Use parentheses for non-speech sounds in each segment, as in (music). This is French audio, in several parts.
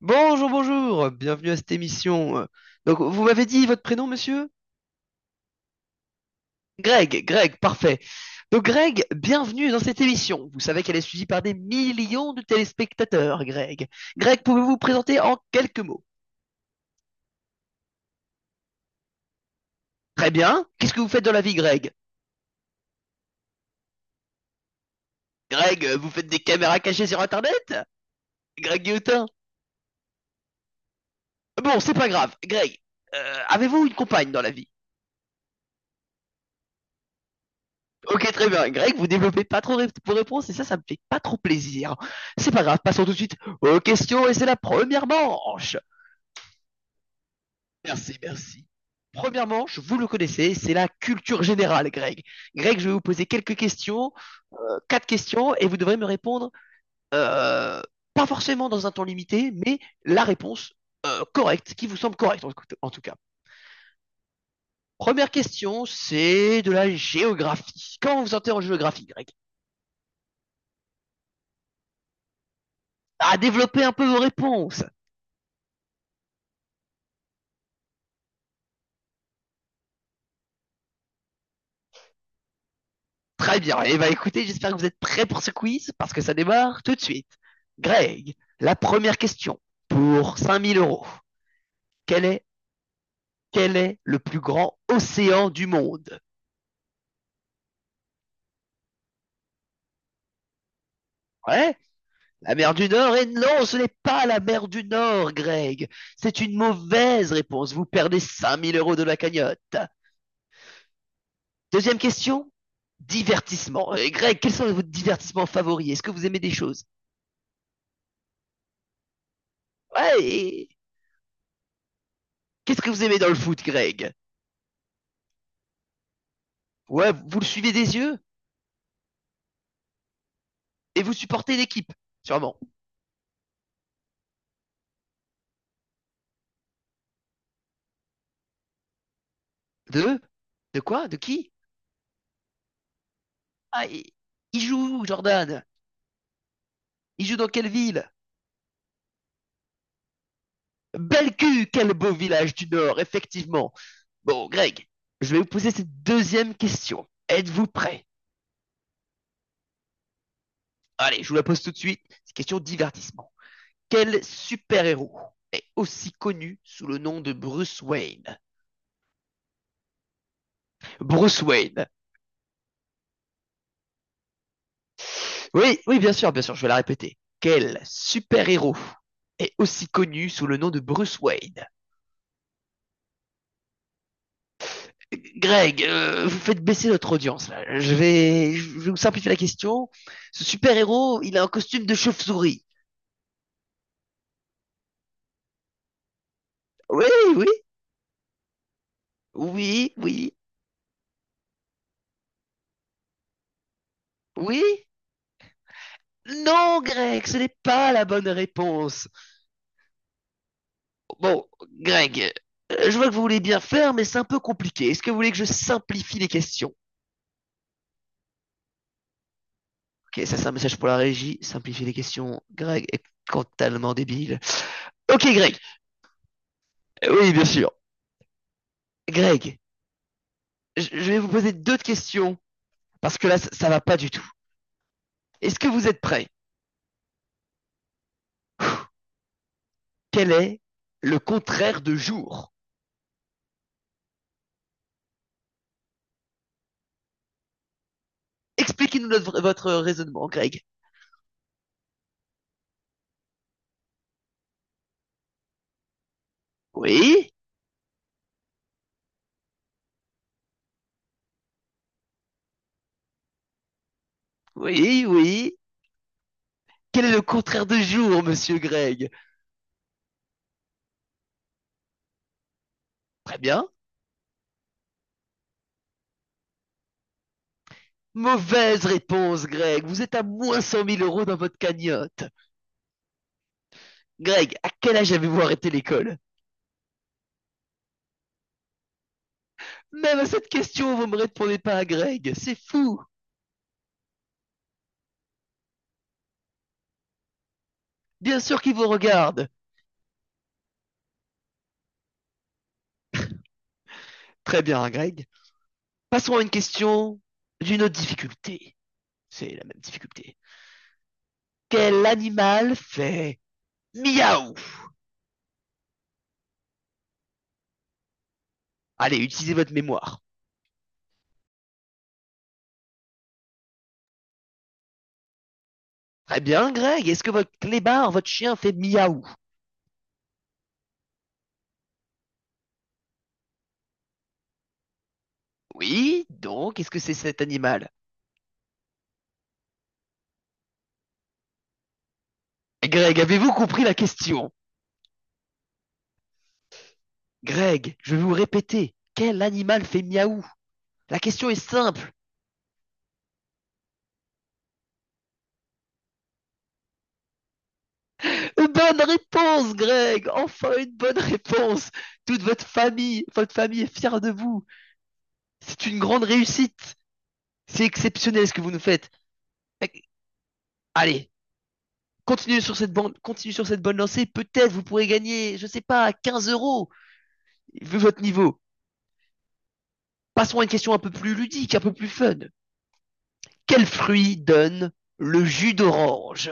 Bonjour, bonjour, bienvenue à cette émission. Donc, vous m'avez dit votre prénom, monsieur? Greg, parfait. Donc, Greg, bienvenue dans cette émission. Vous savez qu'elle est suivie par des millions de téléspectateurs, Greg. Greg, pouvez-vous vous présenter en quelques mots? Très bien. Qu'est-ce que vous faites dans la vie, Greg? Greg, vous faites des caméras cachées sur Internet? Greg Guillotin? Bon, c'est pas grave. Greg, avez-vous une compagne dans la vie? Ok, très bien. Greg, vous développez pas trop vos réponses et ça me fait pas trop plaisir. C'est pas grave, passons tout de suite aux questions, et c'est la première manche. Merci, merci. Première manche, vous le connaissez, c'est la culture générale, Greg. Greg, je vais vous poser quelques questions, quatre questions, et vous devrez me répondre, euh, pas forcément dans un temps limité, mais la réponse correcte, qui vous semble correcte, en, en tout cas. Première question, c'est de la géographie. Comment vous sentez en géographie, Greg? À développer un peu vos réponses. Très bien. Et bah écoutez, j'espère que vous êtes prêts pour ce quiz parce que ça démarre tout de suite. Greg, la première question pour 5000 euros. Quel est, quel est le plus grand océan du monde? Ouais, la mer du Nord. Et non, ce n'est pas la mer du Nord, Greg. C'est une mauvaise réponse. Vous perdez 5000 euros de la cagnotte. Deuxième question, divertissement. Et Greg, quels sont vos divertissements favoris? Est-ce que vous aimez des choses? Ouais, et qu'est-ce que vous aimez dans le foot, Greg? Ouais, vous le suivez des yeux? Et vous supportez l'équipe, sûrement. De? De quoi? De qui? Ah, il joue où, Jordan? Il joue dans quelle ville? Belcu, quel beau village du Nord, effectivement. Bon, Greg, je vais vous poser cette deuxième question. Êtes-vous prêt? Allez, je vous la pose tout de suite. C'est question divertissement. Quel super-héros est aussi connu sous le nom de Bruce Wayne? Bruce Wayne. Oui, oui, bien sûr, je vais la répéter. Quel super-héros est aussi connu sous le nom de Bruce Wayne? Greg, vous faites baisser notre audience, là. Je vais vous simplifier la question. Ce super-héros, il a un costume de chauve-souris. Oui, oui, oui, oui, oui. Non, Greg, ce n'est pas la bonne réponse. Bon, Greg, je vois que vous voulez bien faire, mais c'est un peu compliqué. Est-ce que vous voulez que je simplifie les questions? Ok, ça c'est un message pour la régie. Simplifier les questions. Greg est totalement débile. Ok, Greg. Oui, bien sûr. Greg, je vais vous poser deux questions. Parce que là, ça va pas du tout. Est-ce que vous êtes prêts? Quel est le contraire de jour? Expliquez-nous votre raisonnement, Greg. Oui, oui, oui. Quel est le contraire de jour, monsieur Greg? Très bien. Mauvaise réponse, Greg. Vous êtes à moins 100 000 euros dans votre cagnotte. Greg, à quel âge avez-vous arrêté l'école? Même à cette question, vous ne me répondez pas, à Greg. C'est fou. Bien sûr qu'il vous regarde. Très bien, Greg. Passons à une question d'une autre difficulté. C'est la même difficulté. Quel animal fait miaou? Allez, utilisez votre mémoire. Très bien, Greg. Est-ce que votre clébard, votre chien, fait miaou? Oui, donc, est-ce que c'est cet animal? Greg, avez-vous compris la question? Greg, je vais vous répéter. Quel animal fait miaou? La question est simple. Bonne réponse, Greg. Enfin une bonne réponse. Toute votre famille est fière de vous. C'est une grande réussite. C'est exceptionnel ce que vous nous faites. Allez, continuez sur cette bande, continuez sur cette bonne lancée. Peut-être vous pourrez gagner, je sais pas, 15 euros, vu votre niveau. Passons à une question un peu plus ludique, un peu plus fun. Quel fruit donne le jus d'orange?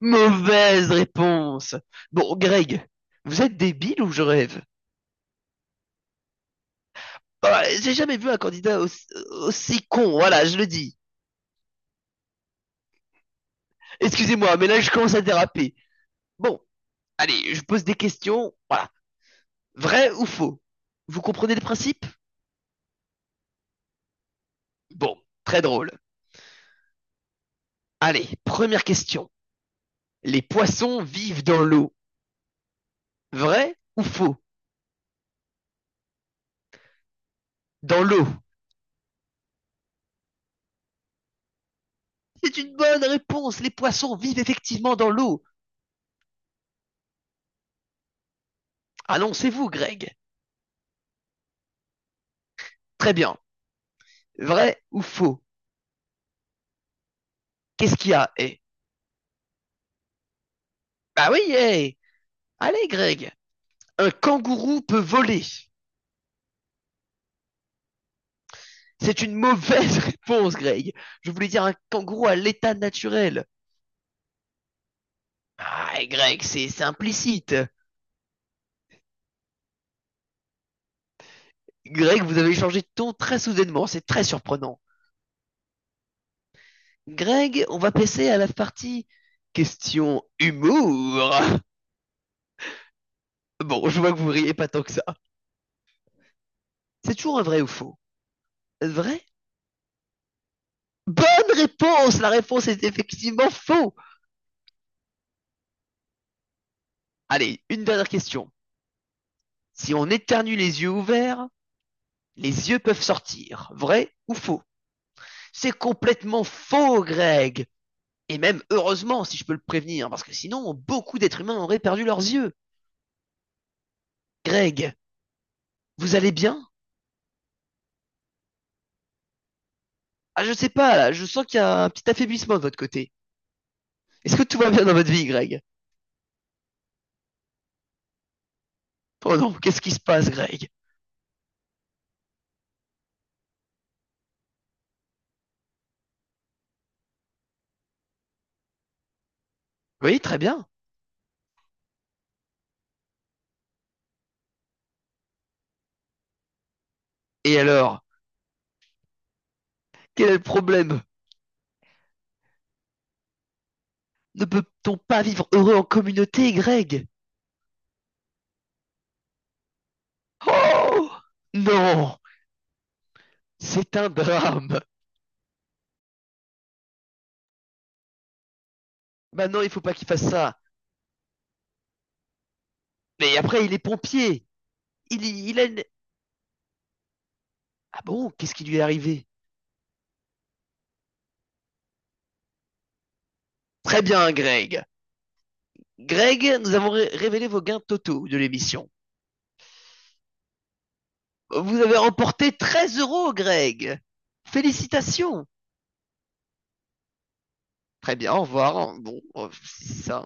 Mauvaise réponse. Bon, Greg, vous êtes débile ou je rêve? Ah, j'ai jamais vu un candidat aussi, aussi con, voilà, je le dis. Excusez-moi, mais là je commence à déraper. Bon, allez, je pose des questions, voilà. Vrai ou faux? Vous comprenez le principe? Bon, très drôle. Allez, première question. Les poissons vivent dans l'eau. Vrai ou faux? Dans l'eau. C'est une bonne réponse. Les poissons vivent effectivement dans l'eau. Annoncez-vous, Greg. Très bien. Vrai ou faux? Qu'est-ce qu'il y a, eh? Bah oui, eh! Allez, Greg. Un kangourou peut voler. C'est une mauvaise (laughs) réponse, Greg. Je voulais dire un kangourou à l'état naturel. Ah, Greg, c'est implicite. Greg, vous avez changé de ton très soudainement. C'est très surprenant. Greg, on va passer à la partie question humour. (laughs) Bon, je vois que vous riez pas tant que ça. C'est toujours un vrai ou faux? Vrai? Bonne réponse! La réponse est effectivement faux! Allez, une dernière question. Si on éternue les yeux ouverts, les yeux peuvent sortir. Vrai ou faux? C'est complètement faux, Greg! Et même heureusement, si je peux le prévenir, parce que sinon, beaucoup d'êtres humains auraient perdu leurs yeux. Greg, vous allez bien? Ah, je sais pas, là, je sens qu'il y a un petit affaiblissement de votre côté. Est-ce que tout va bien dans votre vie, Greg? Oh non, qu'est-ce qui se passe, Greg? Oui, très bien. Et alors? Quel est le problème? Ne peut-on pas vivre heureux en communauté, Greg? Oh! Non! C'est un drame! Maintenant, il faut pas qu'il fasse ça. Mais après, il est pompier. Il a... une- Ah bon? Qu'est-ce qui lui est arrivé? Très bien, Greg. Greg, nous avons révélé vos gains totaux de l'émission. Vous avez remporté 13 euros, Greg. Félicitations. Très bien, au revoir. Bon, c'est ça.